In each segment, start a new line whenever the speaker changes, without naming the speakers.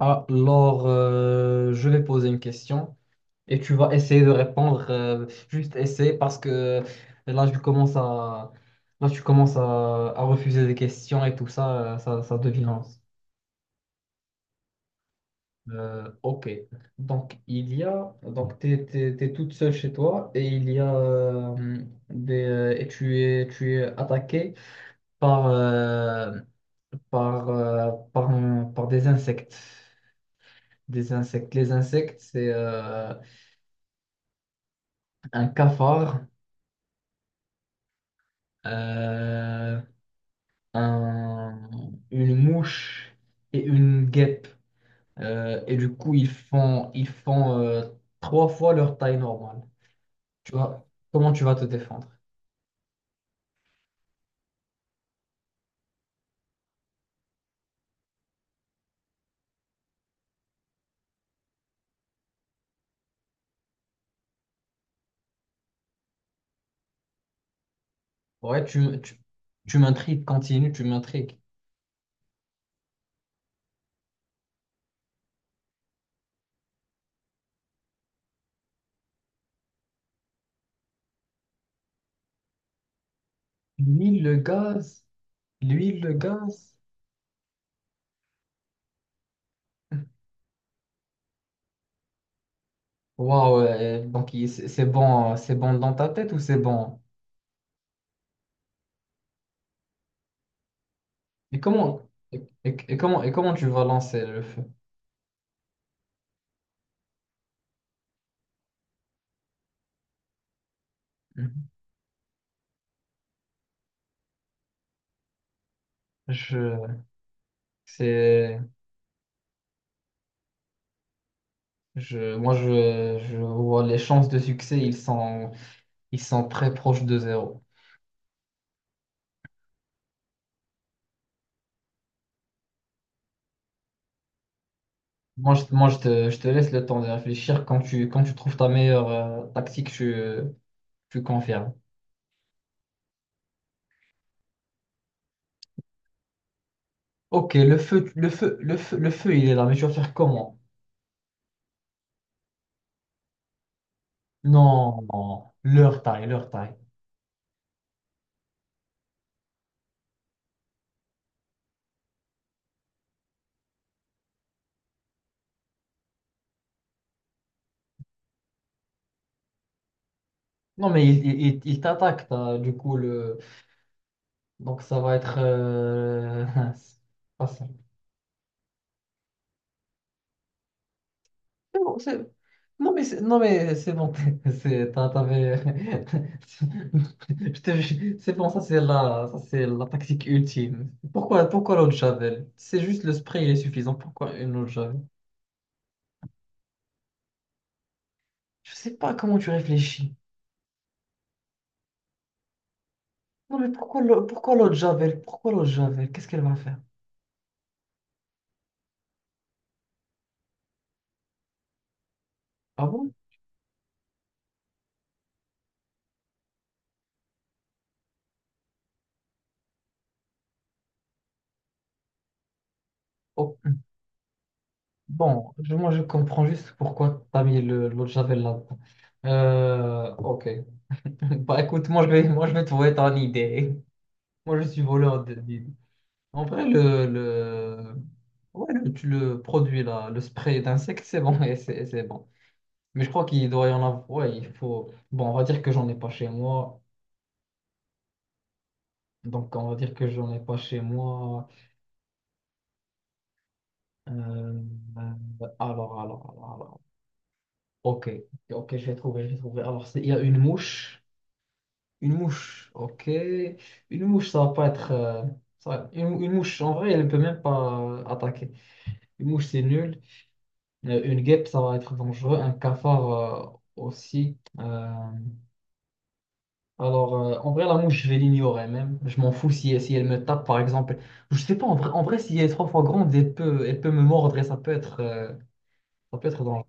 Je vais poser une question et tu vas essayer de répondre. Juste essayer parce que là, je commence à, là, tu commences à refuser des questions et tout ça, ça devient lent. Ok. Donc, il y a. Donc, toute seule chez toi et il y a et tu es attaqué par, euh, par des insectes. Des insectes. Les insectes, c'est un cafard, euh, un- une mouche et une guêpe. Et du coup, ils font trois fois leur taille normale. Tu vois, comment tu vas te défendre? Ouais, tu m'intrigues, continue, tu m'intrigues. L'huile, le gaz, l'huile, le gaz. Waouh, c'est bon, c'est bon dans ta tête ou c'est bon? Et comment tu vas lancer le feu? Mhm. Je, c'est Je, moi, Je vois les chances de succès, ils sont très proches de zéro. Je te laisse le temps de réfléchir. Quand tu trouves ta meilleure tactique, tu confirmes. Ok, le feu, il est là, mais tu vas faire comment? Non, non, leur taille, leur taille. Non, mais il t'attaque, t'as, du coup, le... donc ça va être c'est pas ça. C'est bon, c'est- Non mais c'est bon t'avais jure, c'est bon. Ça c'est la tactique ultime. Pourquoi l'eau de Javel? C'est juste le spray, il est suffisant. Pourquoi une eau de Javel? Je sais pas comment tu réfléchis. Non mais pourquoi l'eau de Javel, qu'est-ce qu'elle va faire? Ah bon. Oh. Moi je comprends juste pourquoi t'as mis le l'eau de Javel là. Ok. Bah écoute, moi je vais trouver ton idée. Moi je suis voleur d'idées. En vrai, le produit, là, le spray d'insectes, c'est bon, et c'est bon. Mais je crois qu'il doit y en avoir. Ouais, il faut. Bon, on va dire que j'en ai pas chez moi. Donc, on va dire que j'en ai pas chez moi. Euh, alors. Ok, je vais trouver. Il y a une mouche. Une mouche, ok. Une mouche, ça va pas être. Ça va- Une mouche, en vrai, elle ne peut même pas attaquer. Une mouche, c'est nul. Une guêpe, ça va être dangereux. Un cafard aussi. En vrai, la mouche, je vais l'ignorer même. Je m'en fous si elle me tape, par exemple. Je sais pas, en vrai, si elle est trois fois grande, elle peut me mordre et ça peut être dangereux.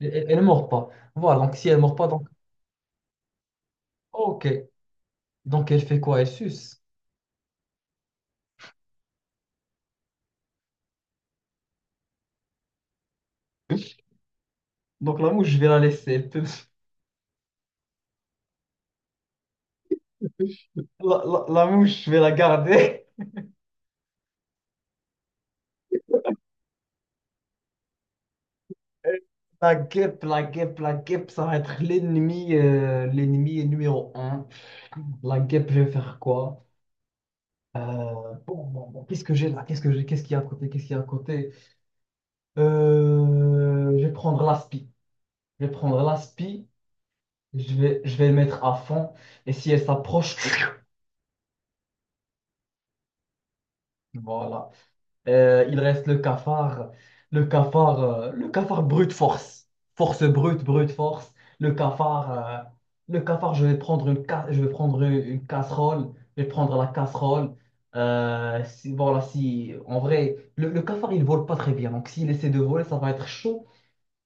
Ne mord pas. Voilà, donc si elle ne mord pas, donc... Ok. Donc, elle fait quoi? Elle suce. Donc, la mouche, je vais la laisser. Elle peut- La mouche, je vais la garder. La guêpe, ça va être l'ennemi, l'ennemi numéro un. La guêpe, je vais faire quoi? Euh, bon, qu'est-ce que j'ai là? Qu'est-ce que j'ai? Qu'est-ce qu'il y a à côté? Qu'est-ce qu'il y a à côté? Je vais prendre l'aspi. Je vais prendre l'aspi. Je vais le mettre à fond. Et si elle s'approche, voilà. Il reste le cafard, le cafard brute force, force brute, brute force. Le cafard, euh, le cafard, je vais prendre une casserole, je vais prendre la casserole. Si en vrai, le cafard il vole pas très bien, donc s'il essaie de voler, ça va être chaud.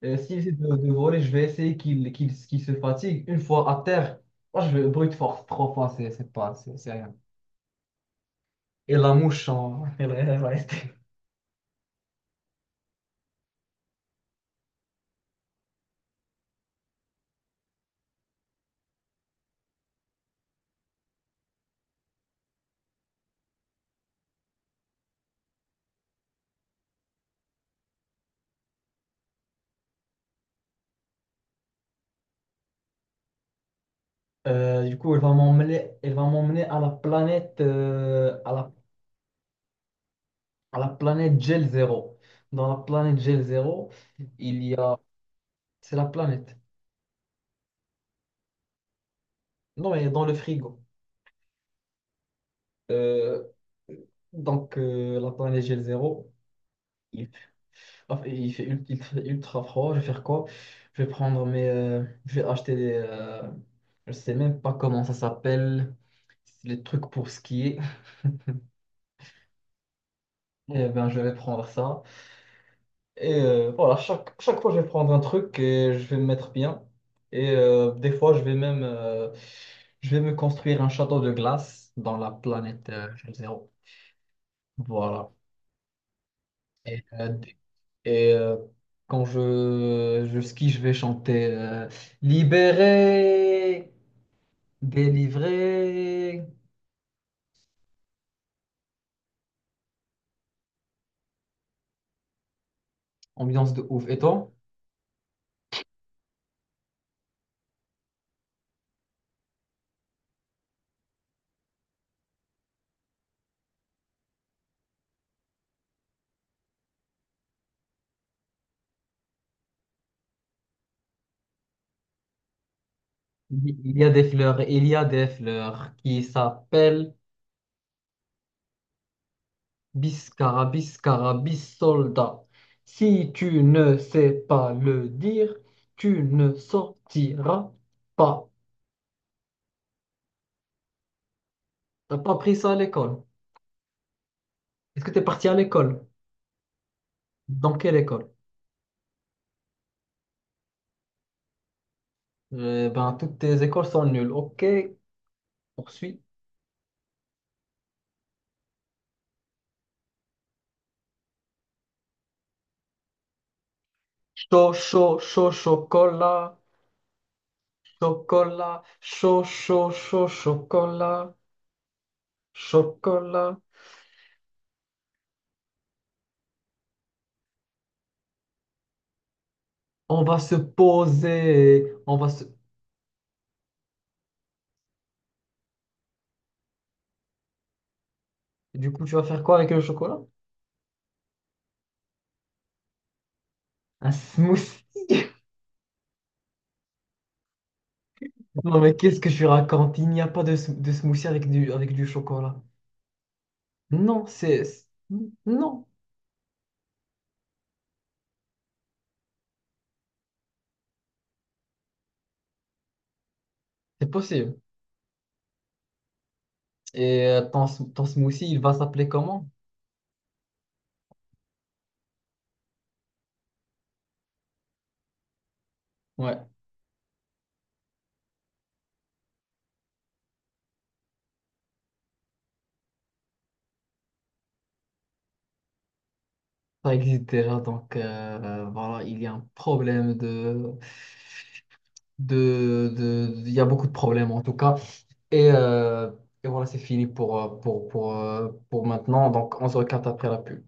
S'il essaie de voler, je vais essayer qu'il se fatigue. Une fois à terre, moi je vais brute force trois fois, c'est rien. Et la mouche, en- elle reste. Du coup, elle va m'emmener à la planète, à la planète Gel Zero. Dans la planète Gel Zero, il y a, c'est la planète. Non, elle est dans le frigo. Euh, la planète Gel Zero, il, enfin, il fait ultra froid. Je vais faire quoi? Je vais acheter des, je sais même pas comment ça s'appelle, les trucs pour skier. Eh ben, je vais prendre ça. Et voilà, chaque fois, je vais prendre un truc et je vais me mettre bien. Et des fois, je vais même je vais me construire un château de glace dans la planète zéro. Voilà. Et, euh, d- et, euh, Quand je skie, je vais chanter Libéré, délivré, ambiance de ouf. Et toi? Il y a des fleurs, il y a des fleurs qui s'appellent Biscara, Biscarabis, carabis, soldat. Si tu ne sais pas le dire, tu ne sortiras pas. T'as pas appris ça à l'école. Est-ce que t'es parti à l'école? Dans quelle école? Eh ben, toutes tes écoles sont nulles. Ok, poursuis. Chaud, chaud, chaud, chocolat. Chocolat, chaud, chaud, chaud, chocolat. Chocolat. On va se poser. On va se... Du coup, tu vas faire quoi avec le chocolat? Un smoothie. Non, mais qu'est-ce que je raconte? Il n'y a pas de smoothie avec du chocolat. Non, c'est- Non, c'est possible. Et ton smoothie, il va s'appeler comment? Ouais, ça existe déjà, donc voilà, il y a un problème de... Il y a beaucoup de problèmes, en tout cas. Et, euh, et voilà, c'est fini pour, pour maintenant. Donc, on se recapte après la pub.